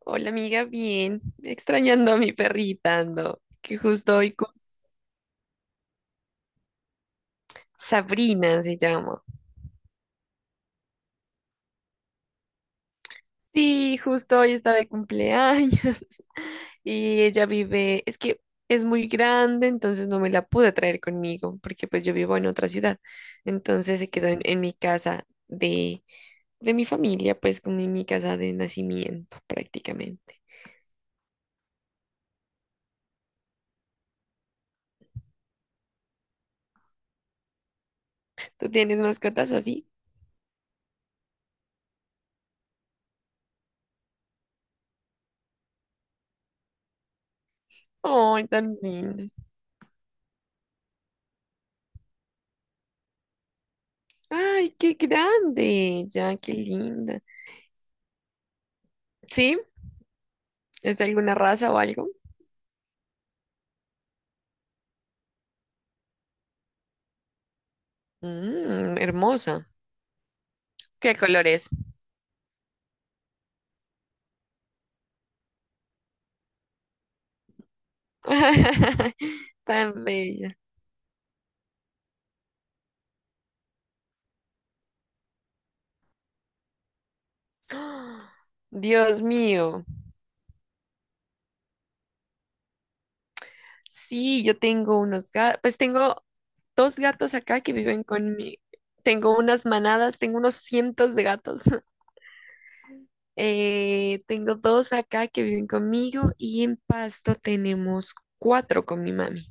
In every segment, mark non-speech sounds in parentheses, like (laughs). Hola amiga, bien. Extrañando a mi perrita ando, que justo hoy cum- Sabrina se llama. Sí, justo hoy está de cumpleaños (laughs) y ella vive, es que es muy grande, entonces no me la pude traer conmigo porque pues yo vivo en otra ciudad. Entonces se quedó en mi casa de mi familia, pues como en mi casa de nacimiento prácticamente. ¿Tú tienes mascota, Sofía? ¡Ay, tan linda! ¡Ay, qué grande! Ya, qué linda. Sí. ¿Es de alguna raza o algo? Mm, hermosa. ¿Qué color es? (laughs) Tan bella. ¡Ah! Dios mío. Sí, yo tengo unos gatos. Pues tengo dos gatos acá que viven conmigo. Tengo unas manadas, tengo unos cientos de gatos. (laughs) Tengo dos acá que viven conmigo y en Pasto tenemos cuatro con mi mami.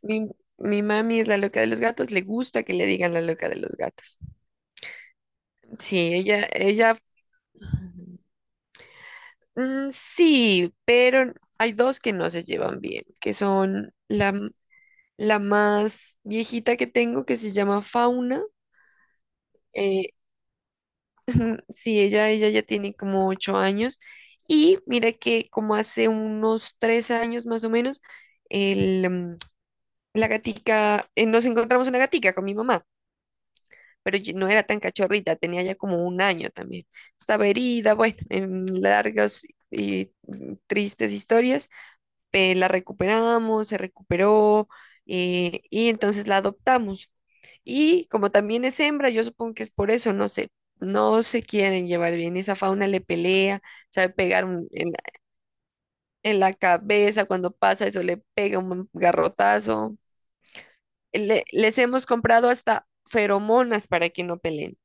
Mi, mi mami es la loca de los gatos, le gusta que le digan la loca de los gatos. Sí, ella. Sí, pero hay dos que no se llevan bien, que son la más viejita que tengo, que se llama Fauna. eh, (laughs) sí, ella ya tiene como 8 años. Y mira que como hace unos 3 años más o menos, el, mm, la gatica, nos encontramos una gatica con mi mamá, pero no era tan cachorrita, tenía ya como un año también. Estaba herida, bueno, en largas y tristes historias. La recuperamos, se recuperó, y entonces la adoptamos. Y como también es hembra, yo supongo que es por eso, no sé, no se quieren llevar bien. Esa Fauna le pelea, sabe pegar en la cabeza cuando pasa eso, le pega un garrotazo. Les hemos comprado hasta feromonas para que no peleen.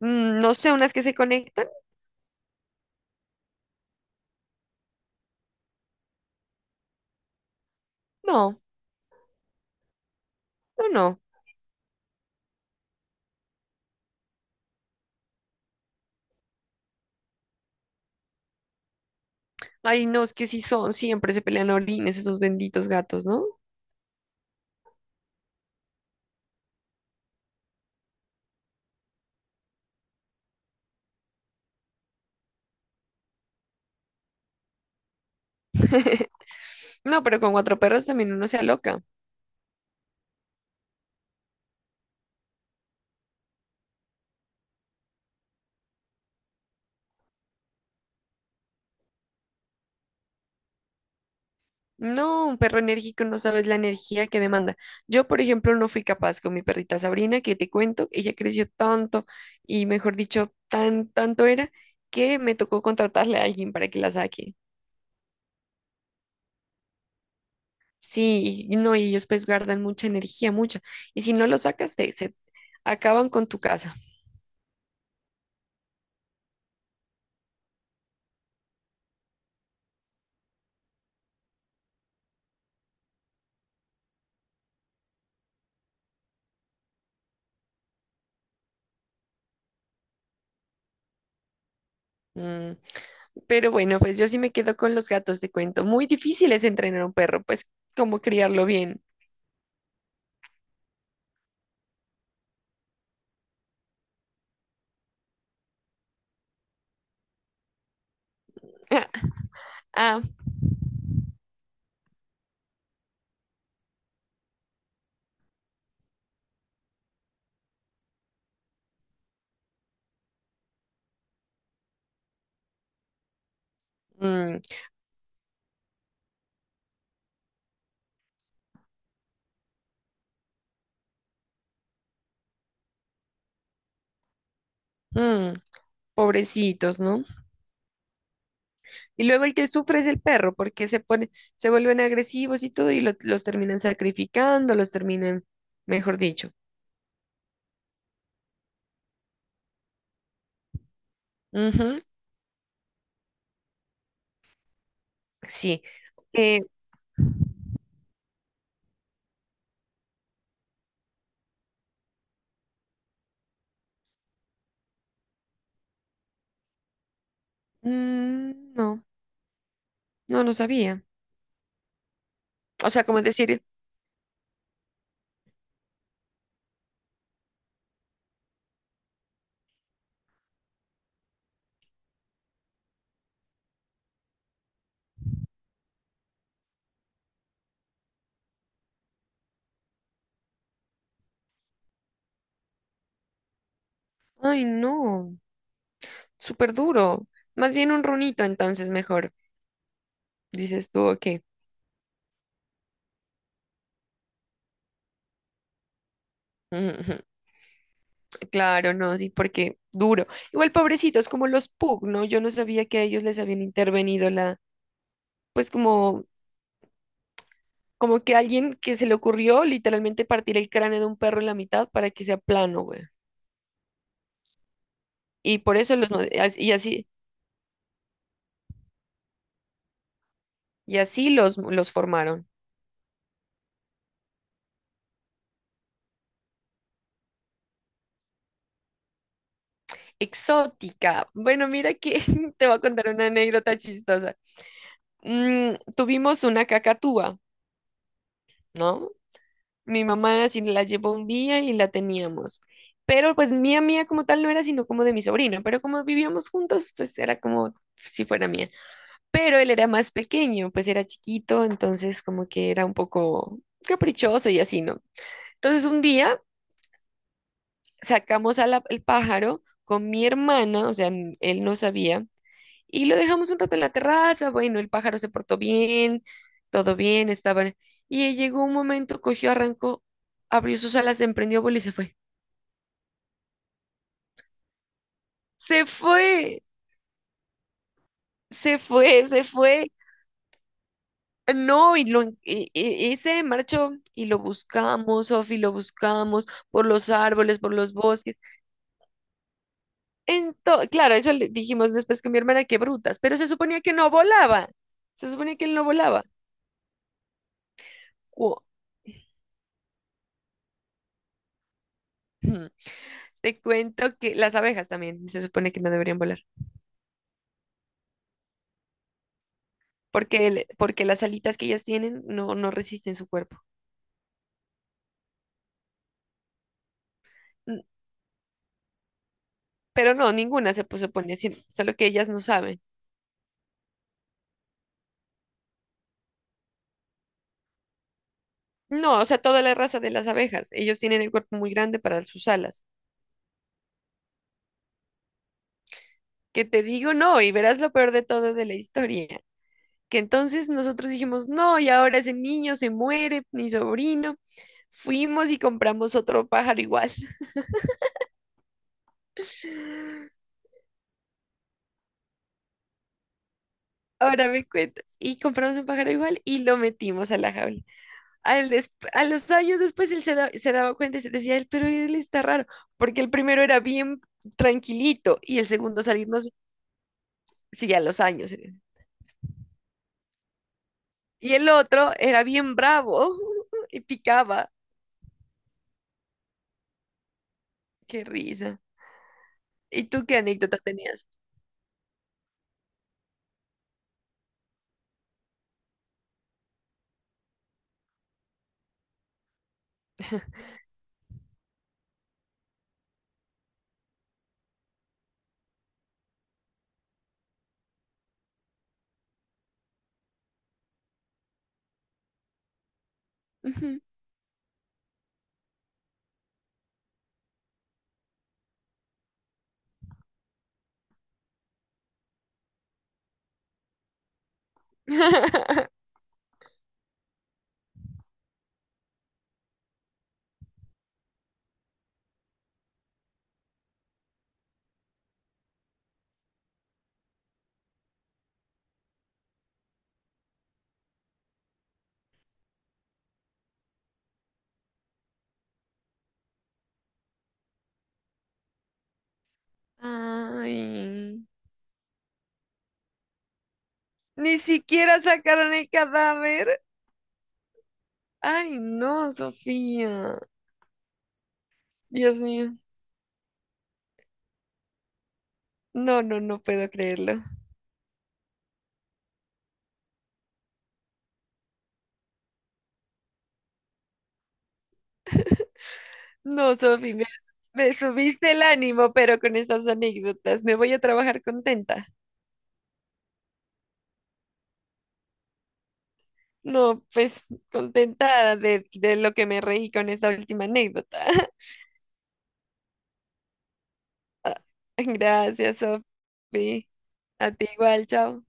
Mm, no sé, unas que se conectan. No, no, no. Ay, no, es que sí son, siempre se pelean a orines esos benditos gatos, ¿no? (laughs) No, pero con cuatro perros también uno se aloca. No, un perro enérgico no sabes la energía que demanda. Yo, por ejemplo, no fui capaz con mi perrita Sabrina, que te cuento, ella creció tanto y, mejor dicho, tanto era que me tocó contratarle a alguien para que la saque. Sí, y no, y ellos pues guardan mucha energía, mucha. Y si no lo sacas, se acaban con tu casa. Mm, Pero bueno, pues yo sí me quedo con los gatos, te cuento. Muy difícil es entrenar a un perro, pues como criarlo bien. (laughs) Ah, mm, mm. Pobrecitos, ¿no? Y luego el que sufre es el perro, porque se pone, se vuelven agresivos y todo, y los terminan sacrificando, los terminan, mejor dicho. Ujú, sí. Eh, no, no lo sabía. O sea, como decir, ay, no, súper duro. Más bien un runito, entonces mejor. Dices tú, ok. Ujú, claro, no, sí, porque duro. Igual pobrecitos, como los pug, ¿no? Yo no sabía que a ellos les habían intervenido la, pues como como que alguien que se le ocurrió literalmente partir el cráneo de un perro en la mitad para que sea plano, güey. Y por eso los, mo- as- y así los formaron. Exótica. Bueno, mira que (laughs) te voy a contar una anécdota chistosa. Tuvimos una cacatúa, ¿no? Mi mamá así la llevó un día y la teníamos. Pero pues mía, mía como tal no era, sino como de mi sobrino. Pero como vivíamos juntos, pues era como si fuera mía. Pero él era más pequeño, pues era chiquito, entonces como que era un poco caprichoso y así, ¿no? Entonces un día sacamos al el pájaro con mi hermana, o sea, él no sabía, y lo dejamos un rato en la terraza, bueno, el pájaro se portó bien, todo bien, estaba... Y llegó un momento, cogió, arrancó, abrió sus alas, emprendió vuelo y se fue. Se fue, se fue, se fue. No, y lo ese marchó y lo buscamos, Sofi, lo buscamos por los árboles, por los bosques. Claro, eso le dijimos después con mi hermana, que brutas, pero se suponía que no volaba. Se suponía que él no volaba. Cu- Ujú. Te cuento que las abejas también se supone que no deberían volar, porque porque las alitas que ellas tienen no resisten su cuerpo. N- Pero no, ninguna se supone así, solo que ellas no saben. No, o sea, toda la raza de las abejas, ellos tienen el cuerpo muy grande para sus alas. Que te digo no, y verás lo peor de todo de la historia, que entonces nosotros dijimos no, y ahora ese niño se muere, mi sobrino, fuimos y compramos otro pájaro igual, (laughs) ahora me cuentas, y compramos un pájaro igual y lo metimos a la jaula. A los años después él se daba cuenta y se decía, él, pero él está raro, porque el primero era bien tranquilito y el segundo salirnos, sí, a los años. Y el otro era bien bravo (laughs) y picaba. Qué risa. ¿Y tú qué anécdota tenías? Ujú. (laughs) Ay, ni siquiera sacaron el cadáver. Ay, no, Sofía. Dios mío. No, no, no puedo creerlo. No, Sofía, me subiste el ánimo, pero con estas anécdotas me voy a trabajar contenta. No, pues contenta de lo que me reí con esta última anécdota. (laughs) Gracias, Sofía. A ti igual, chao.